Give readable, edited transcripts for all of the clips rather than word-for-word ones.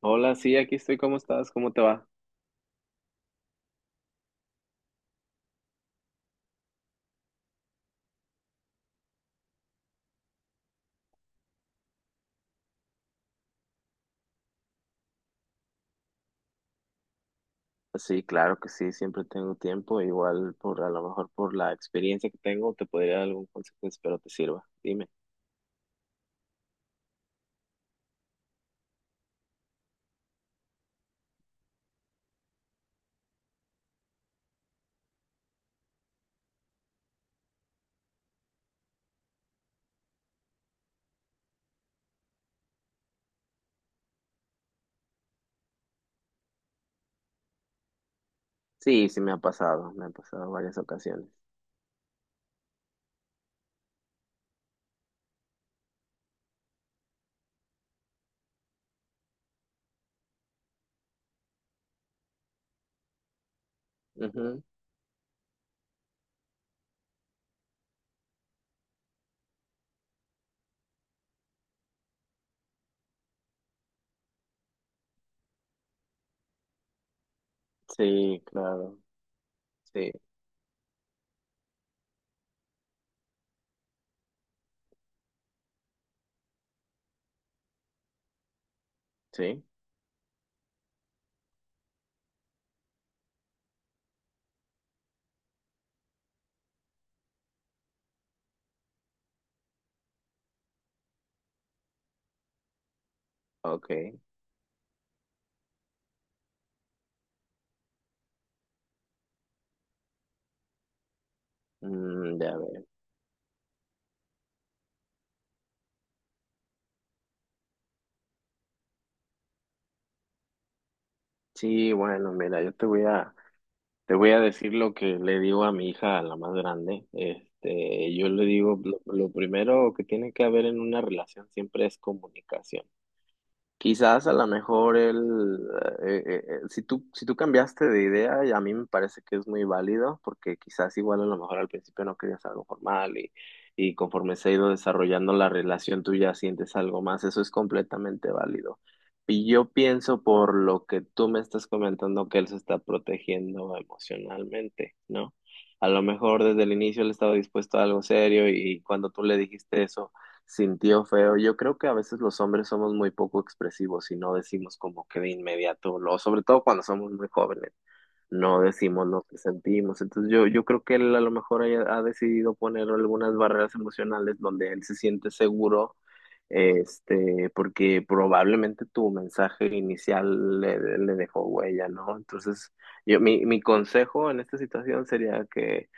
Hola, sí, aquí estoy. ¿Cómo estás? ¿Cómo te va? Sí, claro que sí, siempre tengo tiempo, igual por a lo mejor por la experiencia que tengo te podría dar algún consejo, espero te sirva. Dime. Sí, sí me ha pasado varias ocasiones. Ujú. Sí, claro. Sí, sí. Ok. Ya veo. Sí, bueno, mira, yo te voy a decir lo que le digo a mi hija, a la más grande. Este, yo le digo lo primero que tiene que haber en una relación siempre es comunicación. Quizás a lo mejor el, si si tú cambiaste de idea, y a mí me parece que es muy válido, porque quizás igual a lo mejor al principio no querías algo formal y conforme se ha ido desarrollando la relación tú ya sientes algo más, eso es completamente válido. Y yo pienso por lo que tú me estás comentando que él se está protegiendo emocionalmente, ¿no? A lo mejor desde el inicio él estaba dispuesto a algo serio y cuando tú le dijiste eso, sintió feo. Yo creo que a veces los hombres somos muy poco expresivos y no decimos como que de inmediato, lo, sobre todo cuando somos muy jóvenes, no decimos lo que sentimos. Entonces yo creo que él a lo mejor ha decidido poner algunas barreras emocionales donde él se siente seguro, este, porque probablemente tu mensaje inicial le dejó huella, ¿no? Entonces mi consejo en esta situación sería que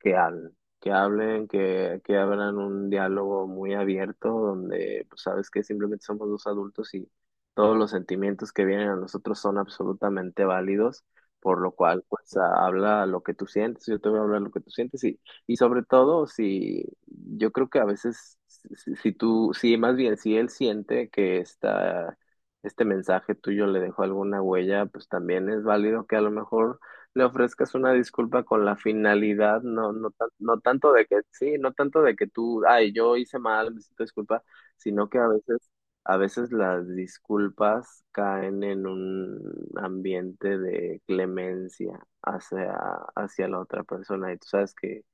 que hablen, que hablen, que abran un diálogo muy abierto donde, pues, sabes que simplemente somos dos adultos y todos los sentimientos que vienen a nosotros son absolutamente válidos, por lo cual, pues, habla lo que tú sientes, yo te voy a hablar lo que tú sientes y sobre todo, si yo creo que a veces, si tú, si más bien, si él siente que está... Este mensaje tuyo le dejó alguna huella, pues también es válido que a lo mejor le ofrezcas una disculpa con la finalidad, no tanto de que, sí, no tanto de que tú, ay, yo hice mal, necesito disculpa, sino que a veces las disculpas caen en un ambiente de clemencia hacia la otra persona, y tú sabes que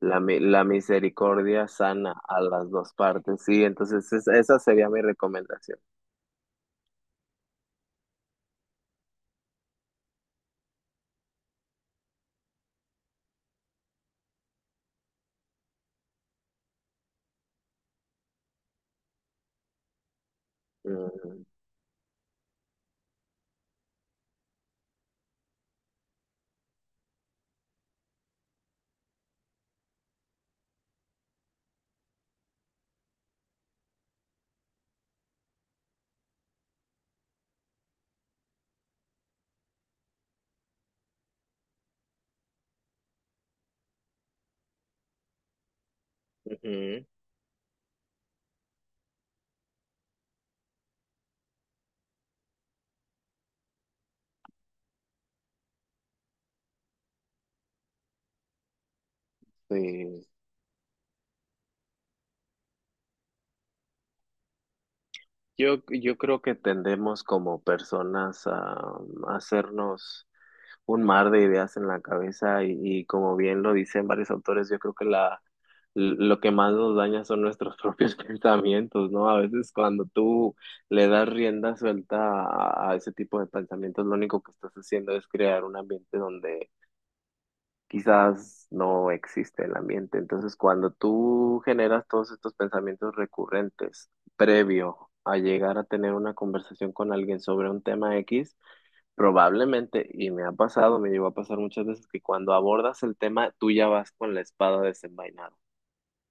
la misericordia sana a las dos partes, sí, entonces esa sería mi recomendación. Mm, ujú, sí. Yo creo que tendemos como personas a hacernos un mar de ideas en la cabeza y como bien lo dicen varios autores, yo creo que lo que más nos daña son nuestros propios pensamientos, ¿no? A veces cuando tú le das rienda suelta a ese tipo de pensamientos, lo único que estás haciendo es crear un ambiente donde quizás no existe el ambiente. Entonces, cuando tú generas todos estos pensamientos recurrentes previo a llegar a tener una conversación con alguien sobre un tema X, probablemente, y me ha pasado, me llegó a pasar muchas veces, que cuando abordas el tema, tú ya vas con la espada desenvainada.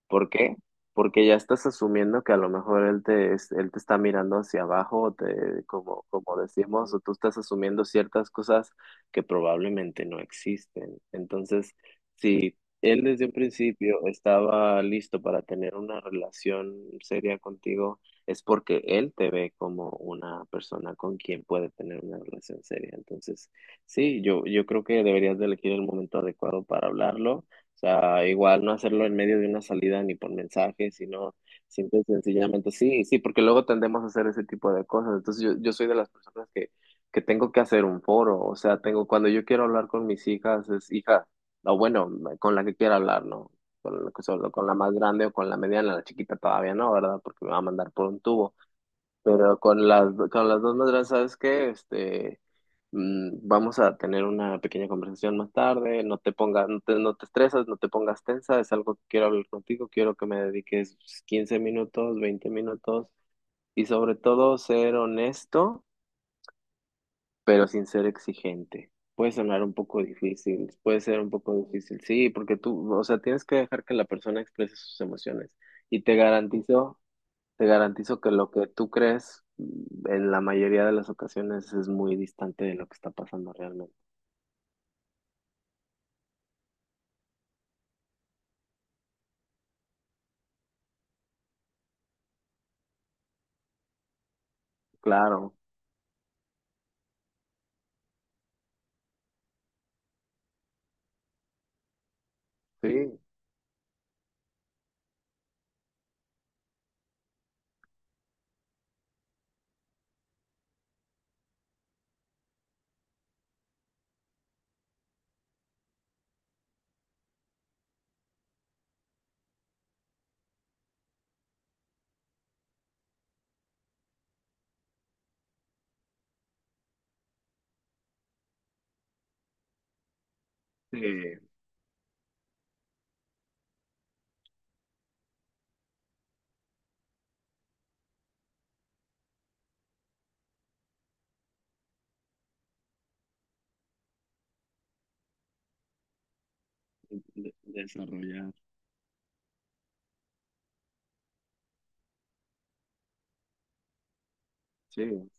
¿Por qué? Porque ya estás asumiendo que a lo mejor él él te está mirando hacia abajo, o te, como, como decimos, o tú estás asumiendo ciertas cosas que probablemente no existen. Entonces, si él desde un principio estaba listo para tener una relación seria contigo, es porque él te ve como una persona con quien puede tener una relación seria. Entonces, sí, yo creo que deberías de elegir el momento adecuado para hablarlo. O sea, igual no hacerlo en medio de una salida ni por mensaje, sino simple y sencillamente sí, sí, porque luego tendemos a hacer ese tipo de cosas. Entonces yo soy de las personas que tengo que hacer un foro, o sea, tengo, cuando yo quiero hablar con mis hijas, es hija, o bueno, con la que quiera hablar, ¿no? La con la más grande o con la mediana, la chiquita todavía no, ¿verdad? Porque me va a mandar por un tubo. Pero con las dos maderas, ¿sabes qué? Este, vamos a tener una pequeña conversación más tarde, no te pongas, no te estresas, no te pongas tensa, es algo que quiero hablar contigo, quiero que me dediques 15 minutos, 20 minutos y sobre todo ser honesto, pero sin ser exigente. Puede sonar un poco difícil, puede ser un poco difícil, sí, porque tú, o sea, tienes que dejar que la persona exprese sus emociones y te garantizo que lo que tú crees en la mayoría de las ocasiones es muy distante de lo que está pasando realmente. Claro, sí, de- desarrollar. Sí,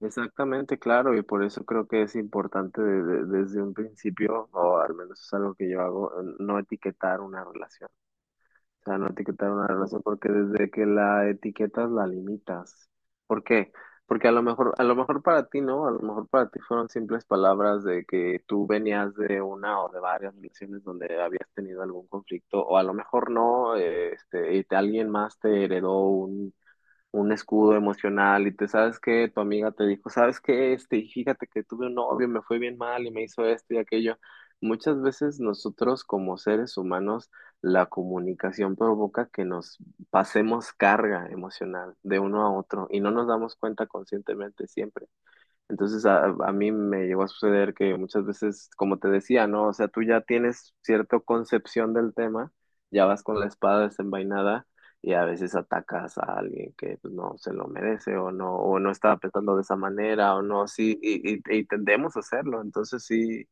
exactamente, claro, y por eso creo que es importante desde un principio, o al menos es algo que yo hago, no etiquetar una relación. O sea, no etiquetar una relación porque desde que la etiquetas la limitas. ¿Por qué? Porque a lo mejor para ti no, a lo mejor para ti fueron simples palabras de que tú venías de una o de varias relaciones donde habías tenido algún conflicto, o a lo mejor no, este, y alguien más te heredó un escudo emocional y te sabes que tu amiga te dijo, sabes que este, y fíjate que tuve un novio, me fue bien mal y me hizo esto y aquello. Muchas veces nosotros como seres humanos, la comunicación provoca que nos pasemos carga emocional de uno a otro y no nos damos cuenta conscientemente siempre. Entonces a mí me llegó a suceder que muchas veces, como te decía, ¿no? O sea, tú ya tienes cierta concepción del tema, ya vas con la espada desenvainada y a veces atacas a alguien que pues, no se lo merece o no estaba pensando de esa manera o no, sí, y tendemos a hacerlo. Entonces sí.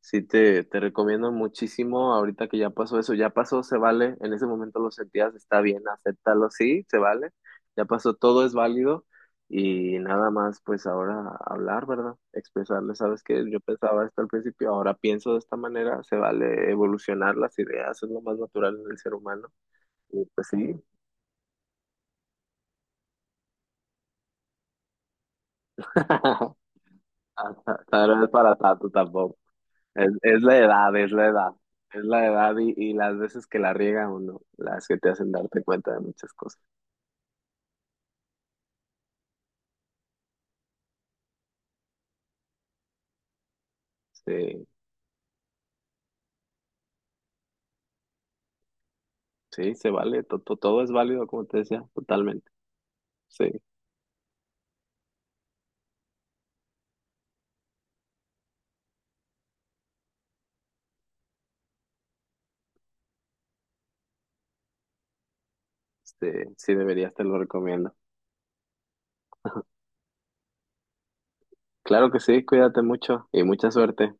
Sí, te recomiendo muchísimo ahorita que ya pasó eso, ya pasó, se vale, en ese momento lo sentías, está bien, acéptalo, sí, se vale, ya pasó, todo es válido y nada más pues ahora hablar, ¿verdad? Expresarle, ¿sabes que Yo pensaba esto al principio, ahora pienso de esta manera, se vale evolucionar las ideas, es lo más natural en el ser humano y pues sí. hasta- Hasta ahora no es para tanto tampoco. Es la edad, es la edad. Es la edad y las veces que la riega uno, las que te hacen darte cuenta de muchas cosas. Sí, sí, se vale, todo es válido, como te decía, totalmente. Sí, este, sí deberías, te lo recomiendo. Claro que sí, cuídate mucho y mucha suerte.